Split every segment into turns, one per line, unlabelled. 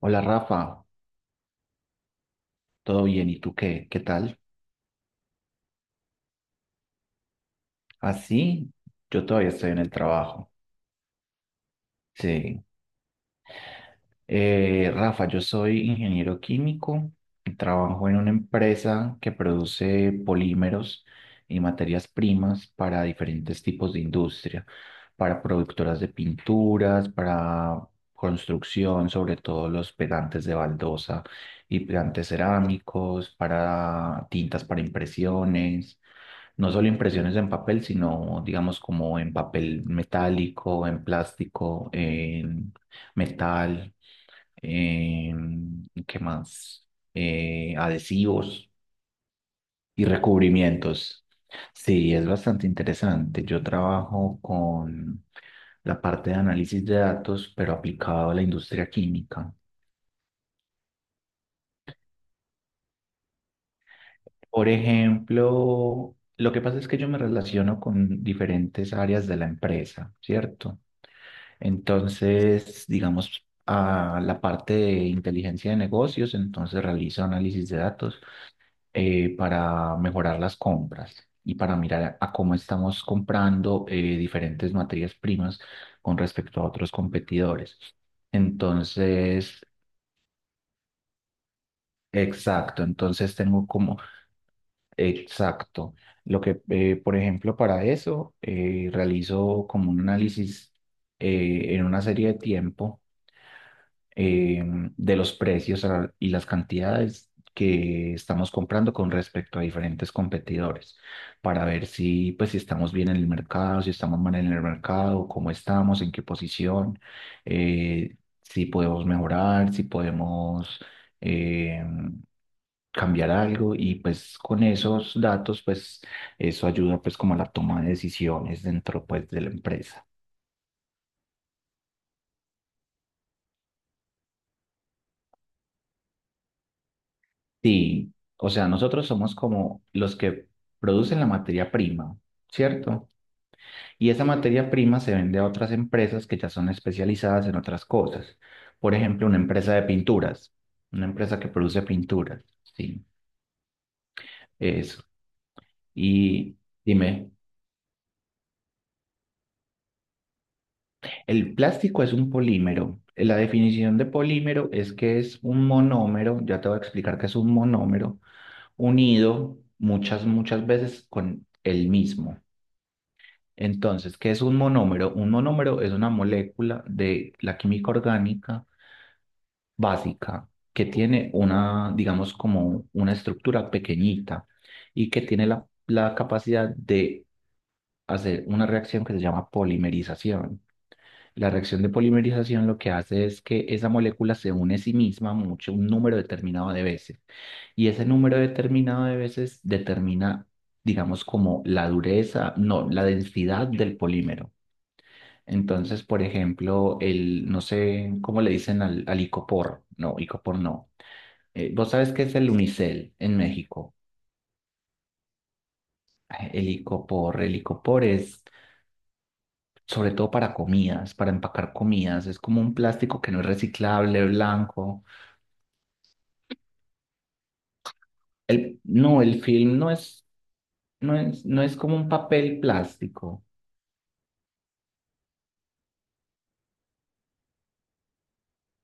Hola Rafa, ¿todo bien? ¿Y tú qué? ¿Qué tal? Así, yo todavía estoy en el trabajo. Sí, Rafa, yo soy ingeniero químico, y trabajo en una empresa que produce polímeros y materias primas para diferentes tipos de industria, para productoras de pinturas, para construcción, sobre todo los pegantes de baldosa y pegantes cerámicos, para tintas para impresiones, no solo impresiones en papel, sino digamos como en papel metálico, en plástico, en metal eh, ¿qué más? Adhesivos y recubrimientos. Sí, es bastante interesante. Yo trabajo con la parte de análisis de datos, pero aplicado a la industria química. Por ejemplo, lo que pasa es que yo me relaciono con diferentes áreas de la empresa, ¿cierto? Entonces, digamos, a la parte de inteligencia de negocios, entonces realizo análisis de datos para mejorar las compras y para mirar a cómo estamos comprando diferentes materias primas con respecto a otros competidores. Entonces, exacto, entonces tengo como, exacto, por ejemplo, para eso realizo como un análisis en una serie de tiempo eh, de los precios a- y las cantidades que estamos comprando con respecto a diferentes competidores, para ver si, pues, si estamos bien en el mercado, si estamos mal en el mercado, cómo estamos, en qué posición, eh, si podemos mejorar, si podemos eh, cambiar algo y pues con esos datos, pues eso ayuda pues como a la toma de decisiones dentro pues de la empresa. Sí, o sea, nosotros somos como los que producen la materia prima, ¿cierto? Y esa materia prima se vende a otras empresas que ya son especializadas en otras cosas. Por ejemplo, una empresa de pinturas, una empresa que produce pinturas, sí, eso. Y dime, el plástico es un polímero. La definición de polímero es que es un monómero, ya te voy a explicar que es un monómero, unido muchas, muchas veces con el mismo. Entonces, ¿qué es un monómero? Un monómero es una molécula de la química orgánica básica que tiene una, digamos, como una estructura pequeñita y que tiene la capacidad de hacer una reacción que se llama polimerización. La reacción de polimerización lo que hace es que esa molécula se une a sí misma mucho, un número determinado de veces. Y ese número determinado de veces determina, digamos, como la dureza, no, la densidad del polímero. Entonces, por ejemplo, el, no sé cómo le dicen al, al icopor. No, icopor no. ¿vos sabes qué es el unicel en México? Ah, el icopor, el icopor es sobre todo para comidas, para empacar comidas. Es como un plástico que no es reciclable, blanco. El, no, el film no es, no es como un papel plástico.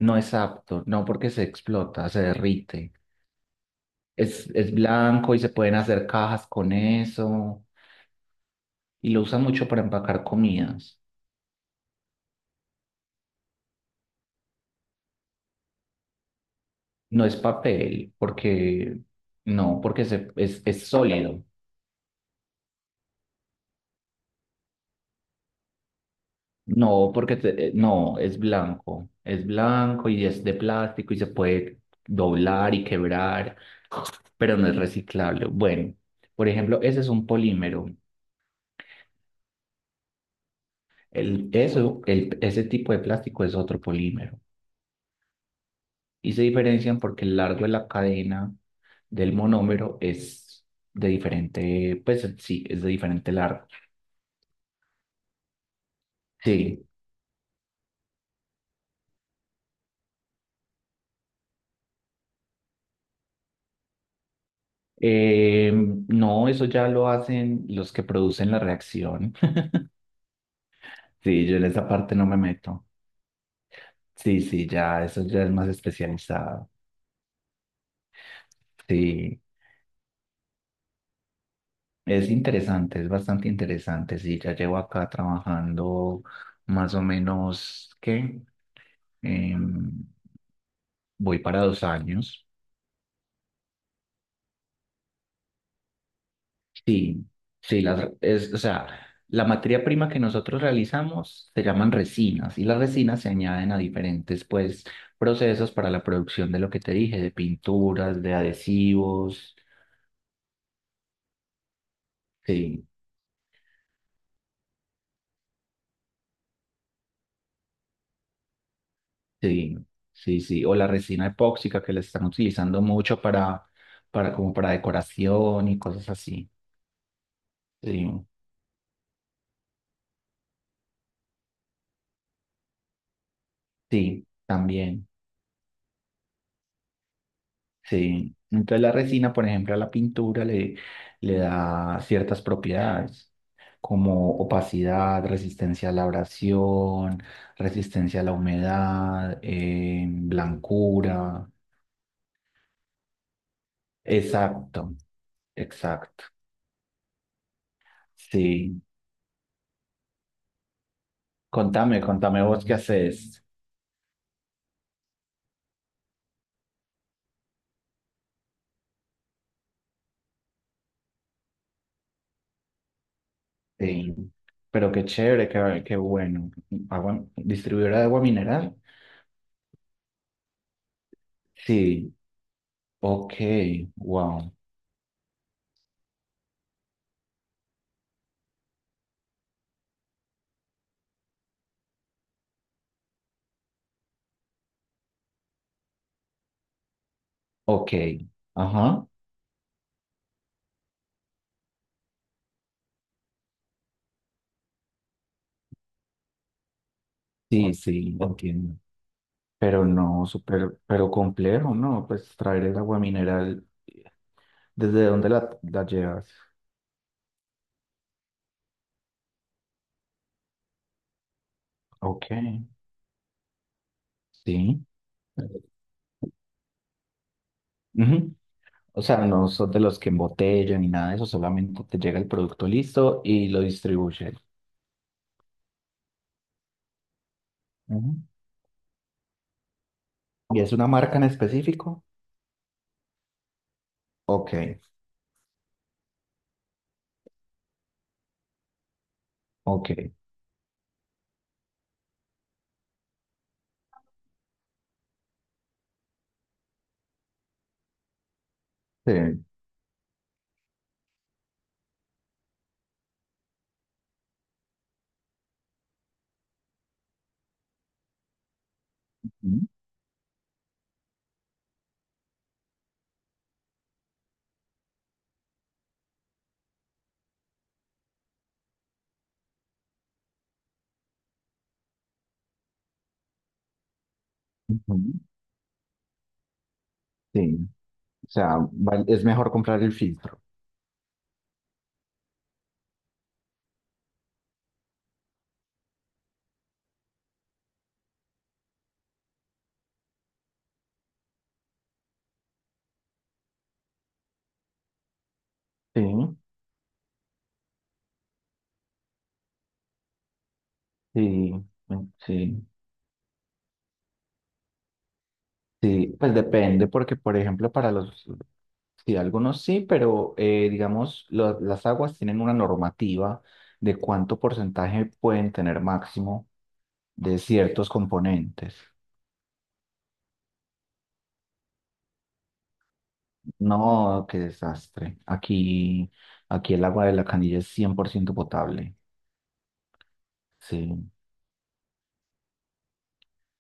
No es apto, no porque se explota, se derrite. Es blanco y se pueden hacer cajas con eso y lo usan mucho para empacar comidas. No es papel, porque no, es sólido. No, no, es blanco. Es blanco y es de plástico y se puede doblar y quebrar, pero no es reciclable. Bueno, por ejemplo, ese es un polímero. El, eso, el, ese tipo de plástico es otro polímero. Y se diferencian porque el largo de la cadena del monómero es de diferente, pues sí, es de diferente largo. Sí. Eh, no, eso ya lo hacen los que producen la reacción. Sí, yo en esa parte no me meto. Sí, sí, ya, eso ya es más especializado. Sí, es interesante, es bastante interesante. Sí, ya llevo acá trabajando más o menos, ¿qué? Em, Voy para 2 años. Sí, sí, las, es, o sea, la materia prima que nosotros realizamos se llaman resinas y las resinas se añaden a diferentes, pues, procesos para la producción de lo que te dije, de pinturas, de adhesivos, sí, sí, sí, sí, o la resina epóxica que la están utilizando mucho para, como para decoración y cosas así, sí, sí, también. Sí. Entonces la resina, por ejemplo, a la pintura le, le da ciertas propiedades, como opacidad, resistencia a la abrasión, resistencia a la humedad, blancura. Exacto, exacto. Sí. Contame, contame vos qué haces. Sí. Pero qué chévere, qué, qué bueno. Agua- distribuidora de agua mineral. Sí. Ok, wow. Ok. Ajá. Sí, sí, lo entiendo. Pero no, súper, pero complejo, ¿no? Pues traer el agua mineral, ¿desde dónde la llevas? Ok, sí. Ujú. O sea, no son de los que embotellan ni nada de eso, solamente te llega el producto listo y lo distribuyen. Ujú. ¿Y es una marca en específico? Ok, ok. Sí. Ujú. Ujú. Sí. O sea, val- es mejor comprar el filtro. Sí, sí, sí. Sí, pues depende, porque por ejemplo para los, sí, algunos sí, pero digamos, lo- las aguas tienen una normativa de cuánto porcentaje pueden tener máximo de ciertos componentes. No, qué desastre. Aquí, aquí el agua de la canilla es 100% potable. Sí,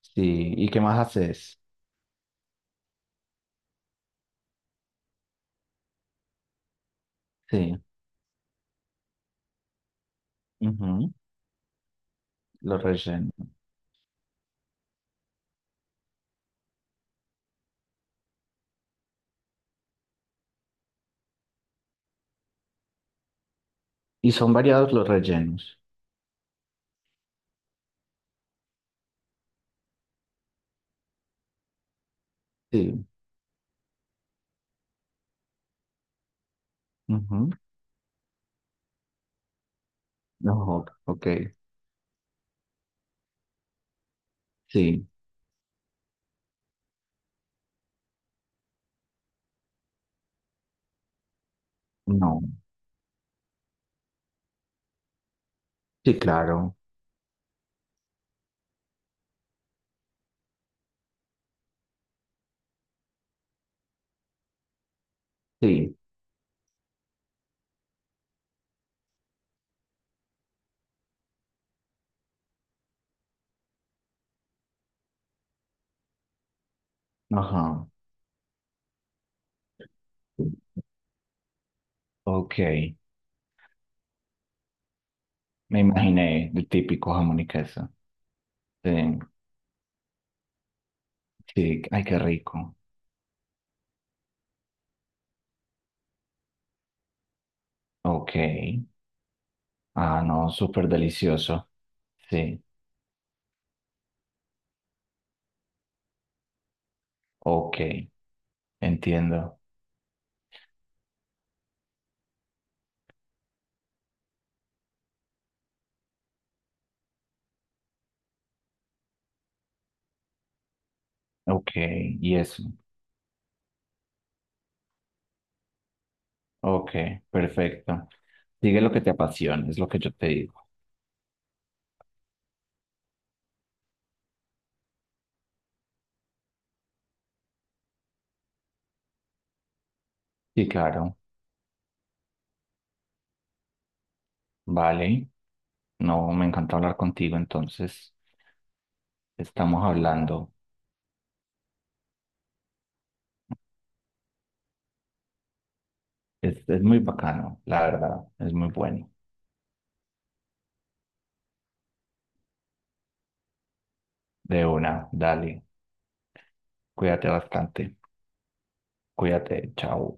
sí. ¿Y qué más haces? Sí, ujú, los rellenos. Y son variados los rellenos. Sí, ujú, no, ok, sí, no. Sí, claro. Sí, ajá. Ok, me imaginé el típico jamón y queso. Sí, sí, ay, qué rico. Ok, ah, no, súper delicioso. Sí, ok, entiendo. Ok, y eso. Ok, perfecto. Sigue lo que te apasiona, es lo que yo te digo. Sí, claro, vale. No, me encanta hablar contigo, entonces estamos hablando. Es muy bacano, la verdad, es muy bueno. De una, dale. Cuídate bastante. Cuídate. Chao.